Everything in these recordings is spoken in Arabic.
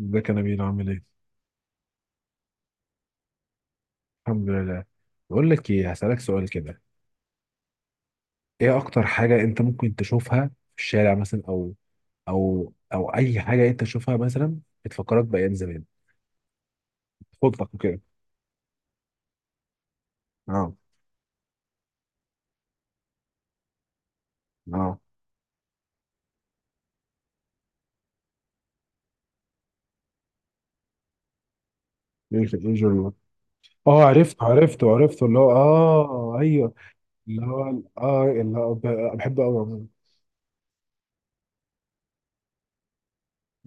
ازيك يا نبيل عامل ايه؟ الحمد لله. بقول لك ايه، هسألك سؤال كده. ايه اكتر حاجة انت ممكن تشوفها في الشارع مثلا، او اي حاجة انت تشوفها مثلا، بتفكرك بأيام زمان، خطك وكده. اه. اه إيه الجرم؟ اه، عرفته اللي هو، ايوه، اللي هو اللي هو بحبه قوي عموما.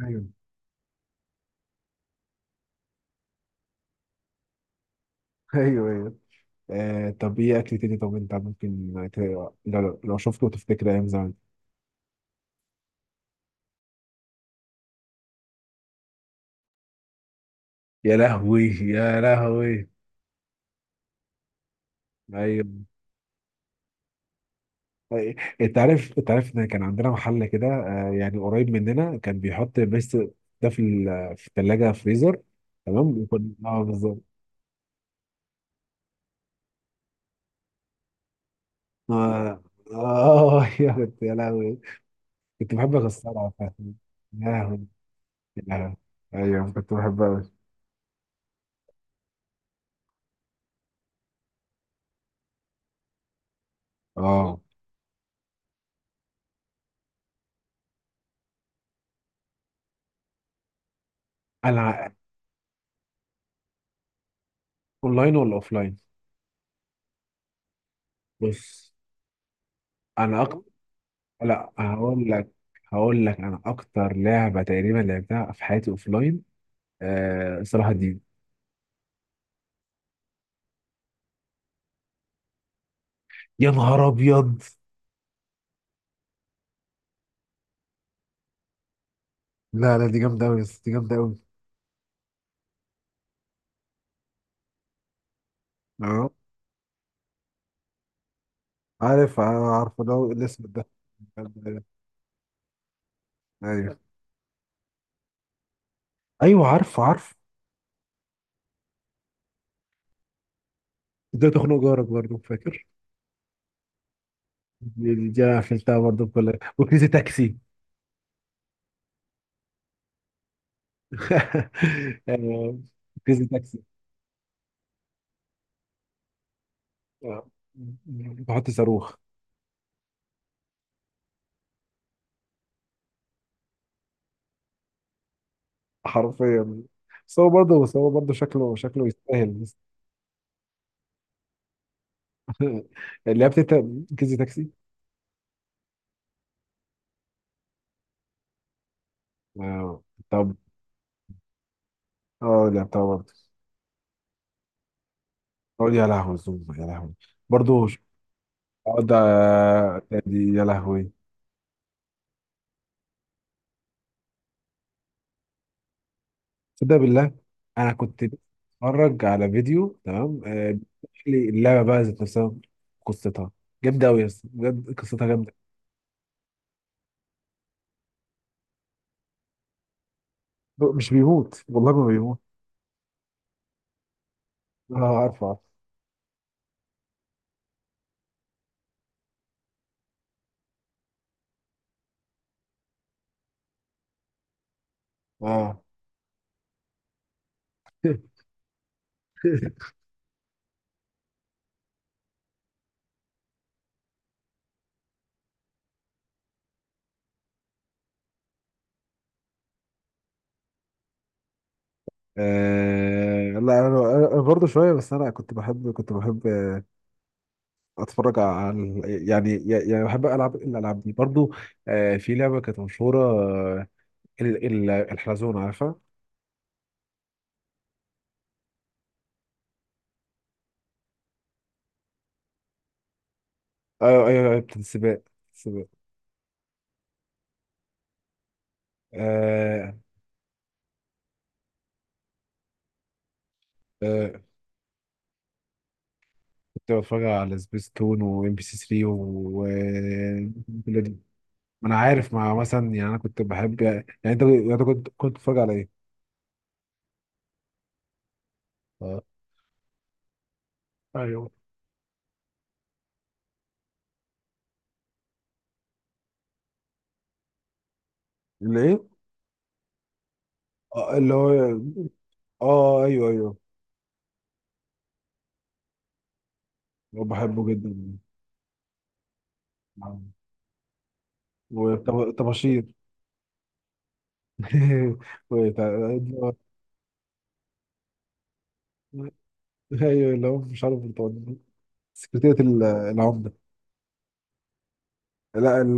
ايوه. ايوه ايوه. آه، طب ايه اكل تاني؟ طب انت ممكن لو شفته تفتكر ايام زمان؟ يا لهوي يا لهوي. ايوه. انت عارف، ان كان عندنا محل كده، يعني قريب مننا، كان بيحط بس ده في الثلاجه فريزر. تمام. وكنا بالظبط. اه. اه. يا كنت يا لهوي، كنت بحب اكسرها، فاهم؟ يا لهوي يا لهوي. ايوه، كنت بحبها قوي. اه. انا اونلاين ولا اوفلاين؟ بص. انا اكتر. لا، هقول لك. هقول لك، انا اكتر لعبه تقريبا لعبتها في حياتي اوفلاين، آه، صلاح الدين. يا نهار ابيض. لا لا، دي جامدة أوي يا اسطى، دي جامدة أوي. اه، عارف عارف اللي هو الاسم ده. ايوه ايوه، عارف عارف. ازاي تخنق جارك، برضه فاكر؟ دي أنا قفلتها برضه كلها، وكريزي تاكسي. آه. كريزي تاكسي. آه. بحط صاروخ. حرفيا. بس هو برضه، شكله، شكله يستاهل. لعبت انت كريزي تاكسي؟ اه. طب. اه، لعبتها برضه. اه، يا لهوي الزوم، يا لهوي، برضه. اه. دي يا لهوي. تصدق بالله؟ انا كنت بتفرج على فيديو، تمام، آه، بيحكي لي اللعبه بقى ذات نفسها، قصتها. جامده قوي يا اسطى، بجد قصتها جامده. مش بيموت، والله ما بيموت. اه، عارفه عارفه. اه. آه، لا انا، أنا برضه شويه، بس انا كنت بحب، كنت بحب اتفرج على، يعني، يعني بحب العب الالعاب دي برضه. آه، في لعبه كانت مشهوره، آه، الحلزون، عارفها؟ ايوه ايوه. أيوة، بتاعت السباق. السباق. آه. آه، كنت بتفرج على سبيس تون وام بي سي 3 و الجملة دي. ما انا عارف، مع مثلا، يعني انا كنت بحب، يعني. يعني انت، كنت بتتفرج على ايه؟ اه. ايوه. اللي ايه؟ آه، اللي هو. اه ايوه ايوه. هو بحبه جدا. وطباشير. ايوه، اللي هو مش عارف سكرتيرة العمدة. لا، ال،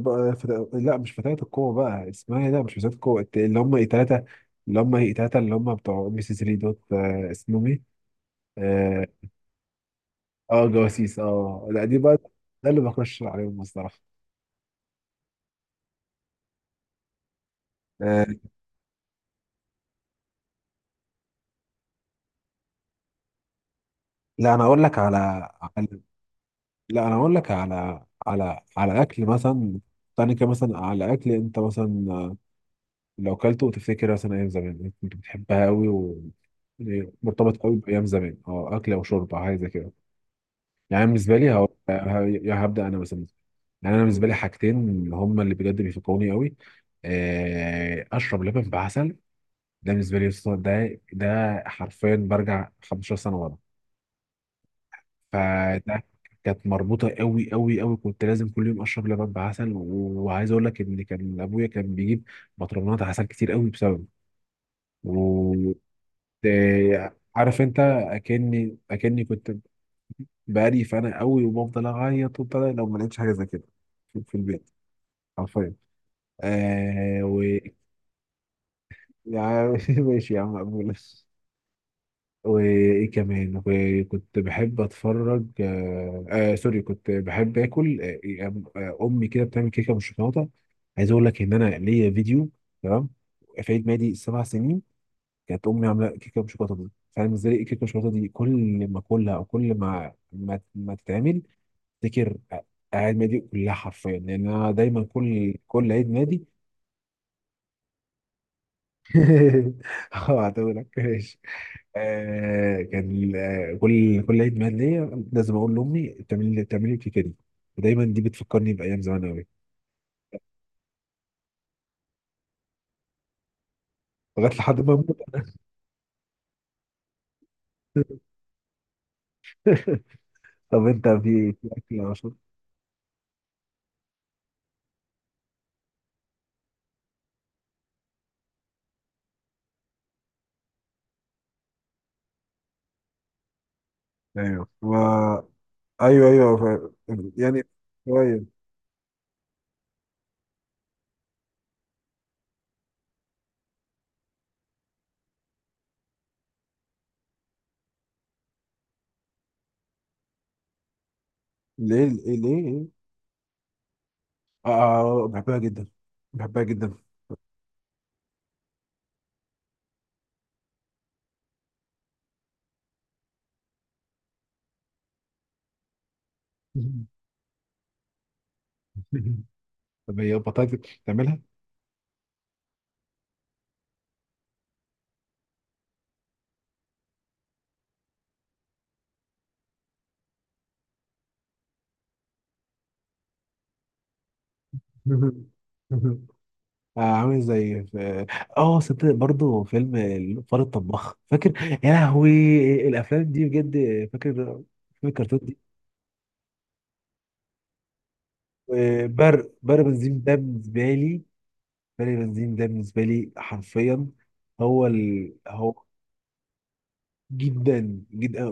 بقى فتا... لا، مش فتاة القوة بقى، اسمها ايه ده؟ مش فتاة القوة، اللي هم ايه، تلاتة، اللي هم بتوع ام بي سي 3 دوت، آه، اسمهم ايه؟ اه. آه، جواسيس. اه لا، دي بقى ده اللي بخش عليهم الصراحة. آه. لا انا اقول لك على لا انا اقول لك على اكل مثلا، تاني كده. مثلا على اكل انت مثلا، آه، لو كلته وتفتكر مثلا ايام زمان كنت بتحبها قوي، ومرتبط قوي بايام زمان، اه، اكل او شرب او حاجه زي كده. يعني أنا بالنسبه لي هو... هبدا انا مثلا. يعني انا بالنسبه لي حاجتين هم اللي بجد بيفكروني قوي، آه، اشرب لبن بعسل. ده بالنسبه لي يسطا، ده ده حرفيا برجع 15 سنه ورا. فده كانت مربوطه قوي قوي قوي، كنت لازم كل يوم اشرب لبن بعسل، وعايز اقول لك ان كان ابويا كان بيجيب بطرمات عسل كتير قوي بسببه. و، آه، عارف انت، اكني كنت بقالي فانا قوي، وبفضل اعيط وبتاع لو ما لقيتش حاجه زي كده في, البيت. حرفيا. آه. و. يعني ماشي يا عم، مقبول. وايه كمان؟ وكنت بحب اتفرج، آه, آه سوري، كنت بحب اكل، آه. آه، امي كده بتعمل كيكه بالشوكولاته. عايز اقول لك ان انا ليا فيديو، تمام، في عيد ميلادي سبع سنين، كانت امي عامله كيكه بالشوكولاته دي. فانا بالنسبه لي الكيكه بالشوكولاته دي كل ما اكلها، او كل ما تتعمل، افتكر اعياد ميلادي كلها حرفيا، لان انا دايما كل عيد ميلادي. اه هتقولك ماشي. آه، كان آه، كل عيد ميلاد ليا لازم اقول لامي تعمل لي كيكه دي. ودايما دي بتفكرني بايام زمان قوي. لغايه، لحد ما اموت. طب انت، في في اكل او شرب؟ ايوه، و... ايوه ايوه، ف... يعني شويه. ليه ليه ليه؟ آه، بحبها جدا. بحبها جدا. طب هي بطاطا تعملها؟ مهم. مهم. آه، عامل زي في، اه، صدق برضه فيلم الفار الطباخ، فاكر؟ يا لهوي الافلام دي بجد. فاكر فاكر الكرتون دي. بر. بر بنزين ده بالنسبه لي. بر بنزين ده بالنسبه لي حرفيا. هو ال... هو. جدا جدا.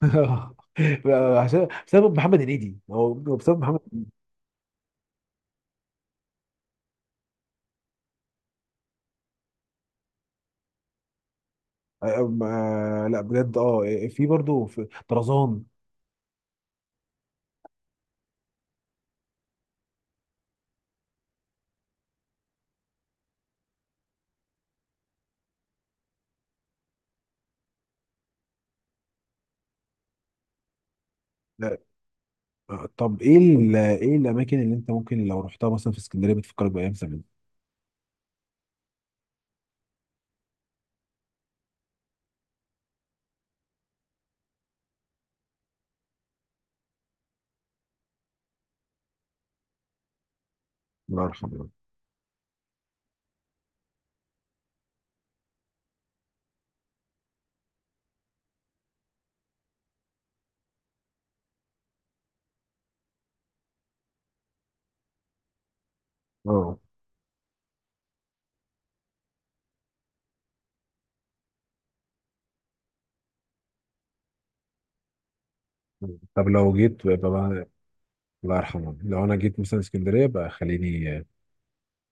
عشان بسبب محمد هنيدي، هو بسبب محمد. آه. آه، لا بجد، اه، في برضه في طرزان. آه، طب ايه ايه الاماكن اللي انت ممكن لو رحتها مثلا في اسكندريه بتفكرك بايام زمان؟ الله يرحمه. اه، طب لو جيت بقى الله يرحمه. لو انا جيت مثلا اسكندريه بقى، خليني، آه،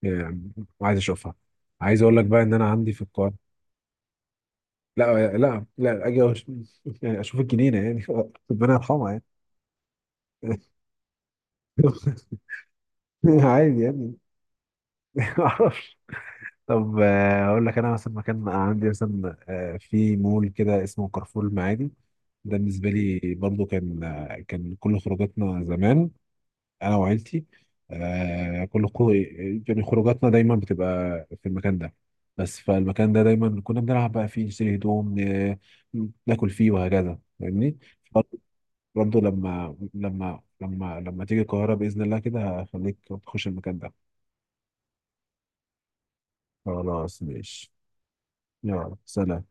آه، عايز اشوفها. عايز اقول لك بقى ان انا عندي في القاهره. لا لا لا، اجي يعني اشوف الجنينه يعني، ربنا يرحمها، يعني. عادي يعني. طب، آه، اقول لك انا مثلا مكان عندي مثلا، آه، في مول كده اسمه كارفور المعادي. ده بالنسبه لي برضو، كان آه، كان كل خروجاتنا زمان، انا وعيلتي، آه، كل يعني خروجاتنا دايما بتبقى في المكان ده. بس فالمكان ده دايما كنا بنلعب بقى فيه، نشتري هدوم، ناكل فيه وهكذا، فاهمني؟ برضو. برضو، لما تيجي القاهره باذن الله كده، هخليك تخش المكان ده. خلاص ماشي. يلا سلام.